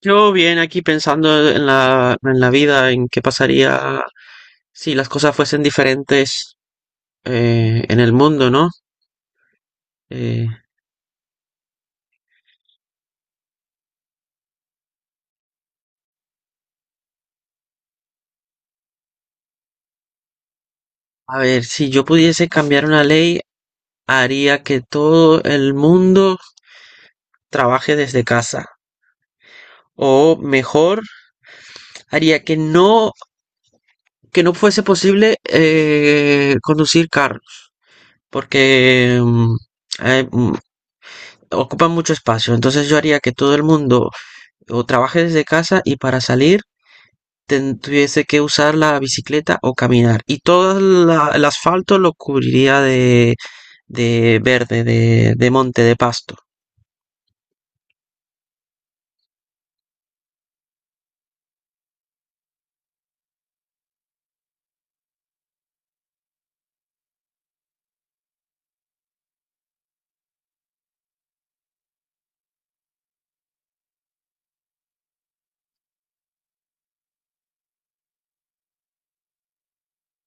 Yo bien aquí pensando en la vida, en qué pasaría si las cosas fuesen diferentes en el mundo, ¿no? Eh, a ver, si yo pudiese cambiar una ley, haría que todo el mundo trabaje desde casa. O mejor, haría que no fuese posible conducir carros, porque eh, mm, ocupan mucho espacio. Entonces yo haría que todo el mundo o trabaje desde casa y para salir tuviese que usar la bicicleta o caminar. Y todo el asfalto lo cubriría de, verde, de monte, de pasto.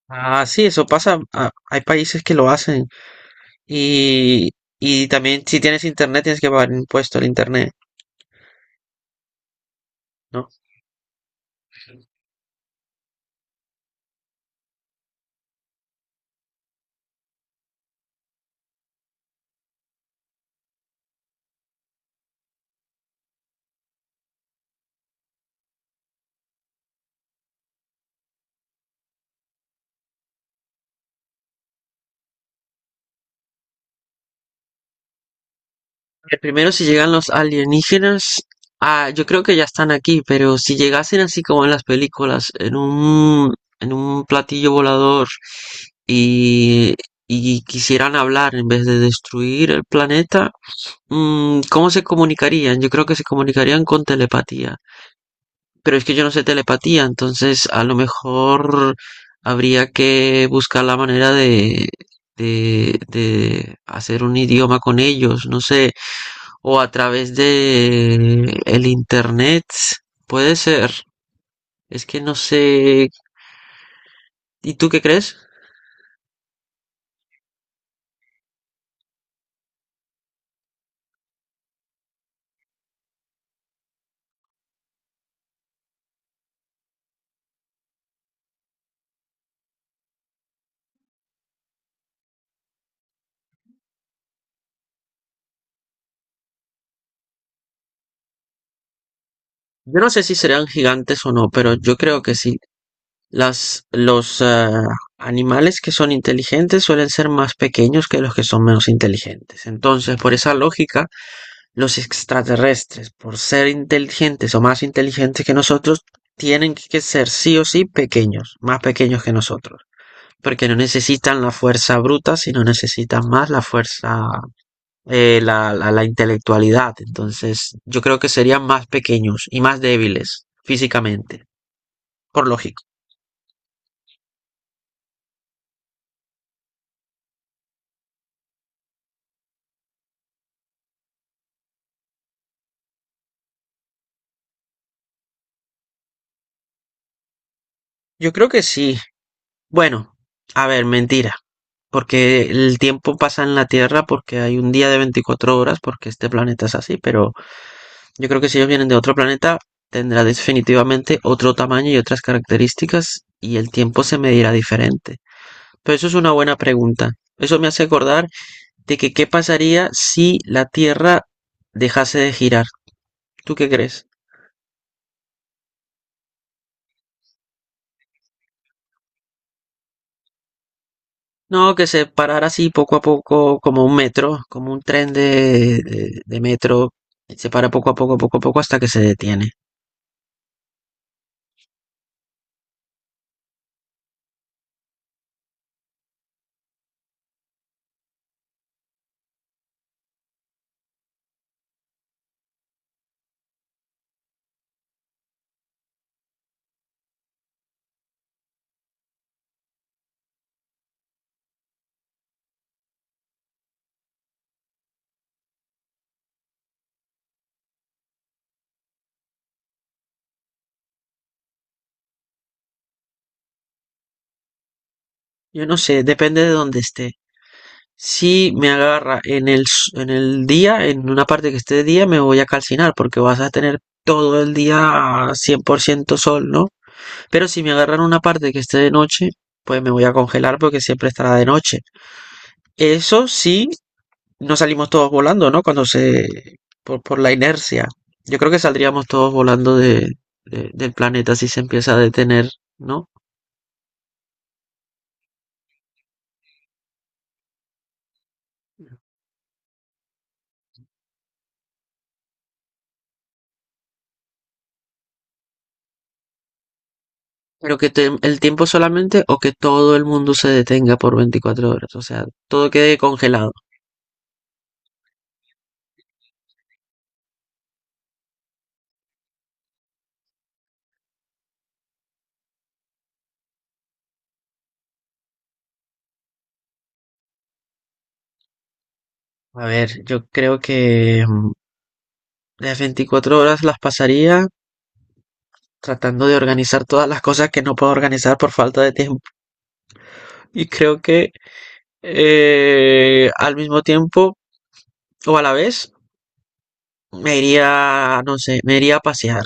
Ah, sí, eso pasa. Hay países que lo hacen. Y, y también si tienes internet tienes que pagar impuesto al internet, ¿no? Ver, primero si llegan los alienígenas, ah, yo creo que ya están aquí, pero si llegasen así como en las películas, en un platillo volador y, y quisieran hablar en vez de destruir el planeta. ¿Cómo se comunicarían? Yo creo que se comunicarían con telepatía. Pero es que yo no sé telepatía, entonces a lo mejor habría que buscar la manera de, de hacer un idioma con ellos, no sé, o a través de el internet, puede ser. Es que no sé. ¿Y tú qué crees? Yo no sé si serán gigantes o no, pero yo creo que sí. Los animales que son inteligentes suelen ser más pequeños que los que son menos inteligentes. Entonces, por esa lógica, los extraterrestres, por ser inteligentes o más inteligentes que nosotros, tienen que ser sí o sí pequeños, más pequeños que nosotros, porque no necesitan la fuerza bruta, sino necesitan más la fuerza, la intelectualidad. Entonces, yo creo que serían más pequeños y más débiles físicamente, por lógico. Yo creo que sí. Bueno, a ver, mentira porque el tiempo pasa en la Tierra, porque hay un día de 24 horas, porque este planeta es así, pero yo creo que si ellos vienen de otro planeta, tendrá definitivamente otro tamaño y otras características y el tiempo se medirá diferente. Pero eso es una buena pregunta. Eso me hace acordar de que qué pasaría si la Tierra dejase de girar. ¿Tú qué crees? No, que se parara así poco a poco, como un metro, como un tren de, de metro, se para poco a poco hasta que se detiene. Yo no sé, depende de dónde esté. Si me agarra en el día, en una parte que esté de día, me voy a calcinar porque vas a tener todo el día 100% sol, ¿no? Pero si me agarra en una parte que esté de noche, pues me voy a congelar porque siempre estará de noche. Eso sí, no salimos todos volando, ¿no? Cuando se, por la inercia. Yo creo que saldríamos todos volando de, del planeta si se empieza a detener, ¿no? Pero que el tiempo solamente o que todo el mundo se detenga por 24 horas, o sea, todo quede congelado. A ver, yo creo que las 24 horas las pasaría tratando de organizar todas las cosas que no puedo organizar por falta de tiempo. Y creo que al mismo tiempo o a la vez me iría, no sé, me iría a pasear.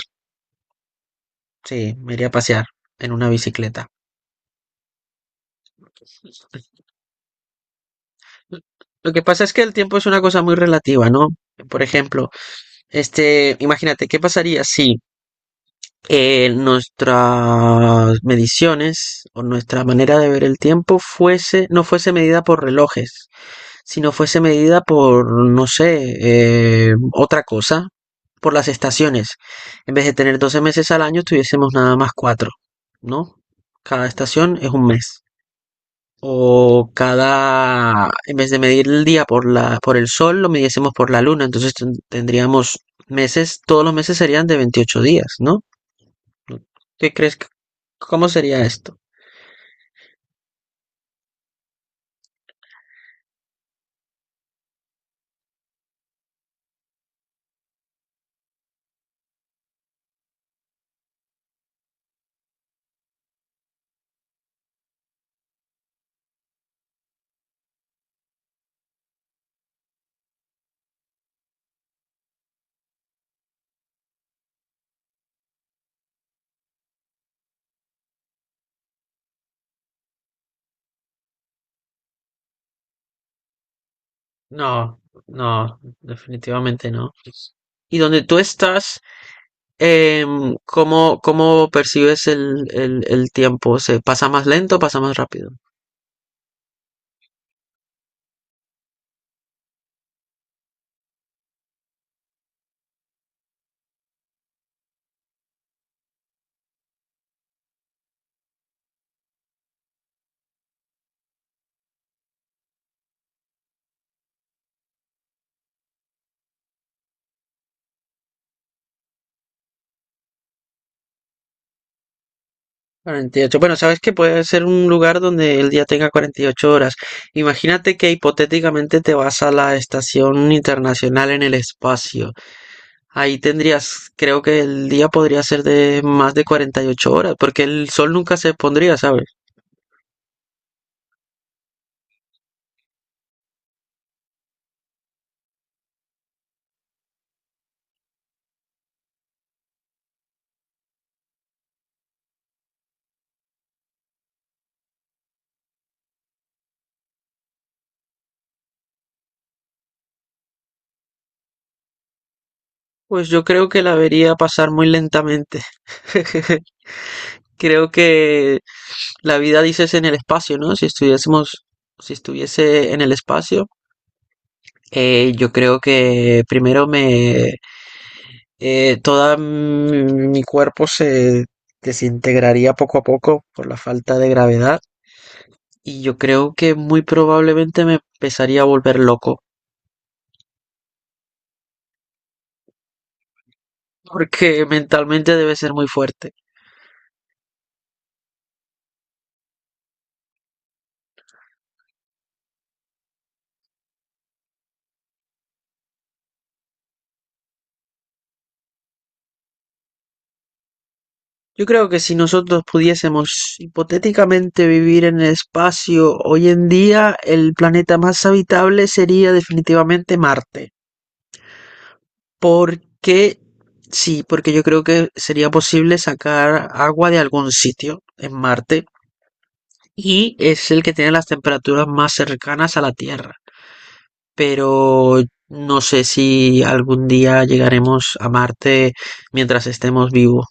Sí, me iría a pasear en una bicicleta. Lo que pasa es que el tiempo es una cosa muy relativa, ¿no? Por ejemplo, este, imagínate, ¿qué pasaría si nuestras mediciones o nuestra manera de ver el tiempo fuese, no fuese medida por relojes, sino fuese medida por, no sé, otra cosa, por las estaciones? En vez de tener 12 meses al año, tuviésemos nada más cuatro, ¿no? Cada estación es un mes. En vez de medir el día por la, por el sol, lo midiésemos por la luna. Entonces tendríamos meses, todos los meses serían de 28 días, ¿no? ¿Qué crees? ¿Cómo sería esto? No, no, definitivamente no. Y donde tú estás, ¿cómo percibes el tiempo? ¿Se pasa más lento o pasa más rápido? Cuarenta y ocho Bueno, sabes que puede ser un lugar donde el día tenga 48 horas. Imagínate que hipotéticamente te vas a la Estación Internacional en el espacio. Ahí tendrías, creo que el día podría ser de más de 48 horas, porque el sol nunca se pondría, ¿sabes? Pues yo creo que la vería pasar muy lentamente. Creo que la vida, dices, en el espacio, ¿no? Si estuviese en el espacio, yo creo que primero me toda mi cuerpo se desintegraría poco a poco por la falta de gravedad y yo creo que muy probablemente me empezaría a volver loco porque mentalmente debe ser muy fuerte. Yo creo que si nosotros pudiésemos hipotéticamente vivir en el espacio hoy en día, el planeta más habitable sería definitivamente Marte. Porque sí, porque yo creo que sería posible sacar agua de algún sitio en Marte y es el que tiene las temperaturas más cercanas a la Tierra. Pero no sé si algún día llegaremos a Marte mientras estemos vivos.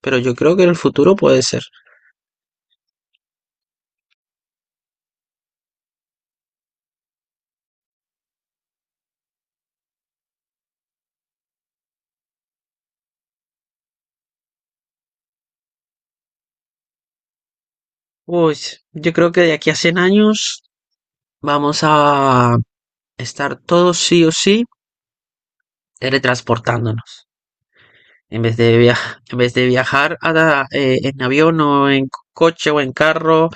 Pero yo creo que en el futuro puede ser. Pues yo creo que de aquí a 100 años vamos a estar todos sí o sí teletransportándonos. En vez de viajar en avión o en coche o en carro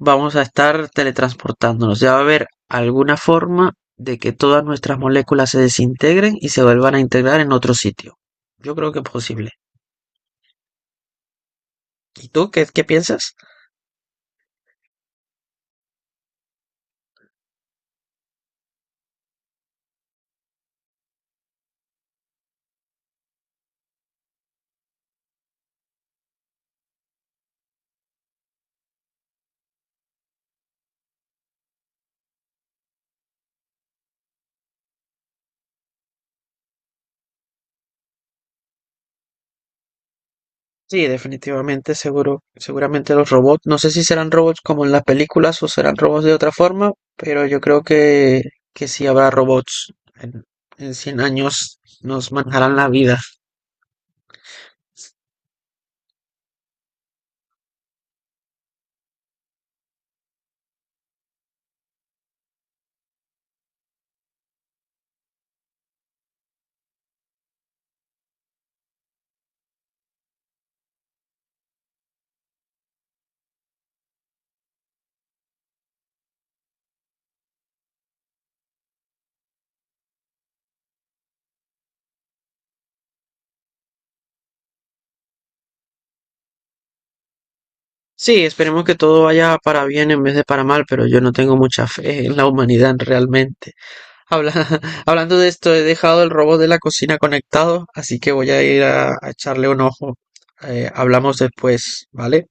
vamos a estar teletransportándonos. Ya va a haber alguna forma de que todas nuestras moléculas se desintegren y se vuelvan a integrar en otro sitio. Yo creo que es posible. ¿Y tú qué piensas? Sí, definitivamente, seguro, seguramente los robots, no sé si serán robots como en las películas o serán robots de otra forma, pero yo creo que sí habrá robots. En 100 años nos manejarán la vida. Sí, esperemos que todo vaya para bien en vez de para mal, pero yo no tengo mucha fe en la humanidad realmente. Habla- Hablando de esto, he dejado el robot de la cocina conectado, así que voy a ir a, echarle un ojo. Hablamos después, ¿vale?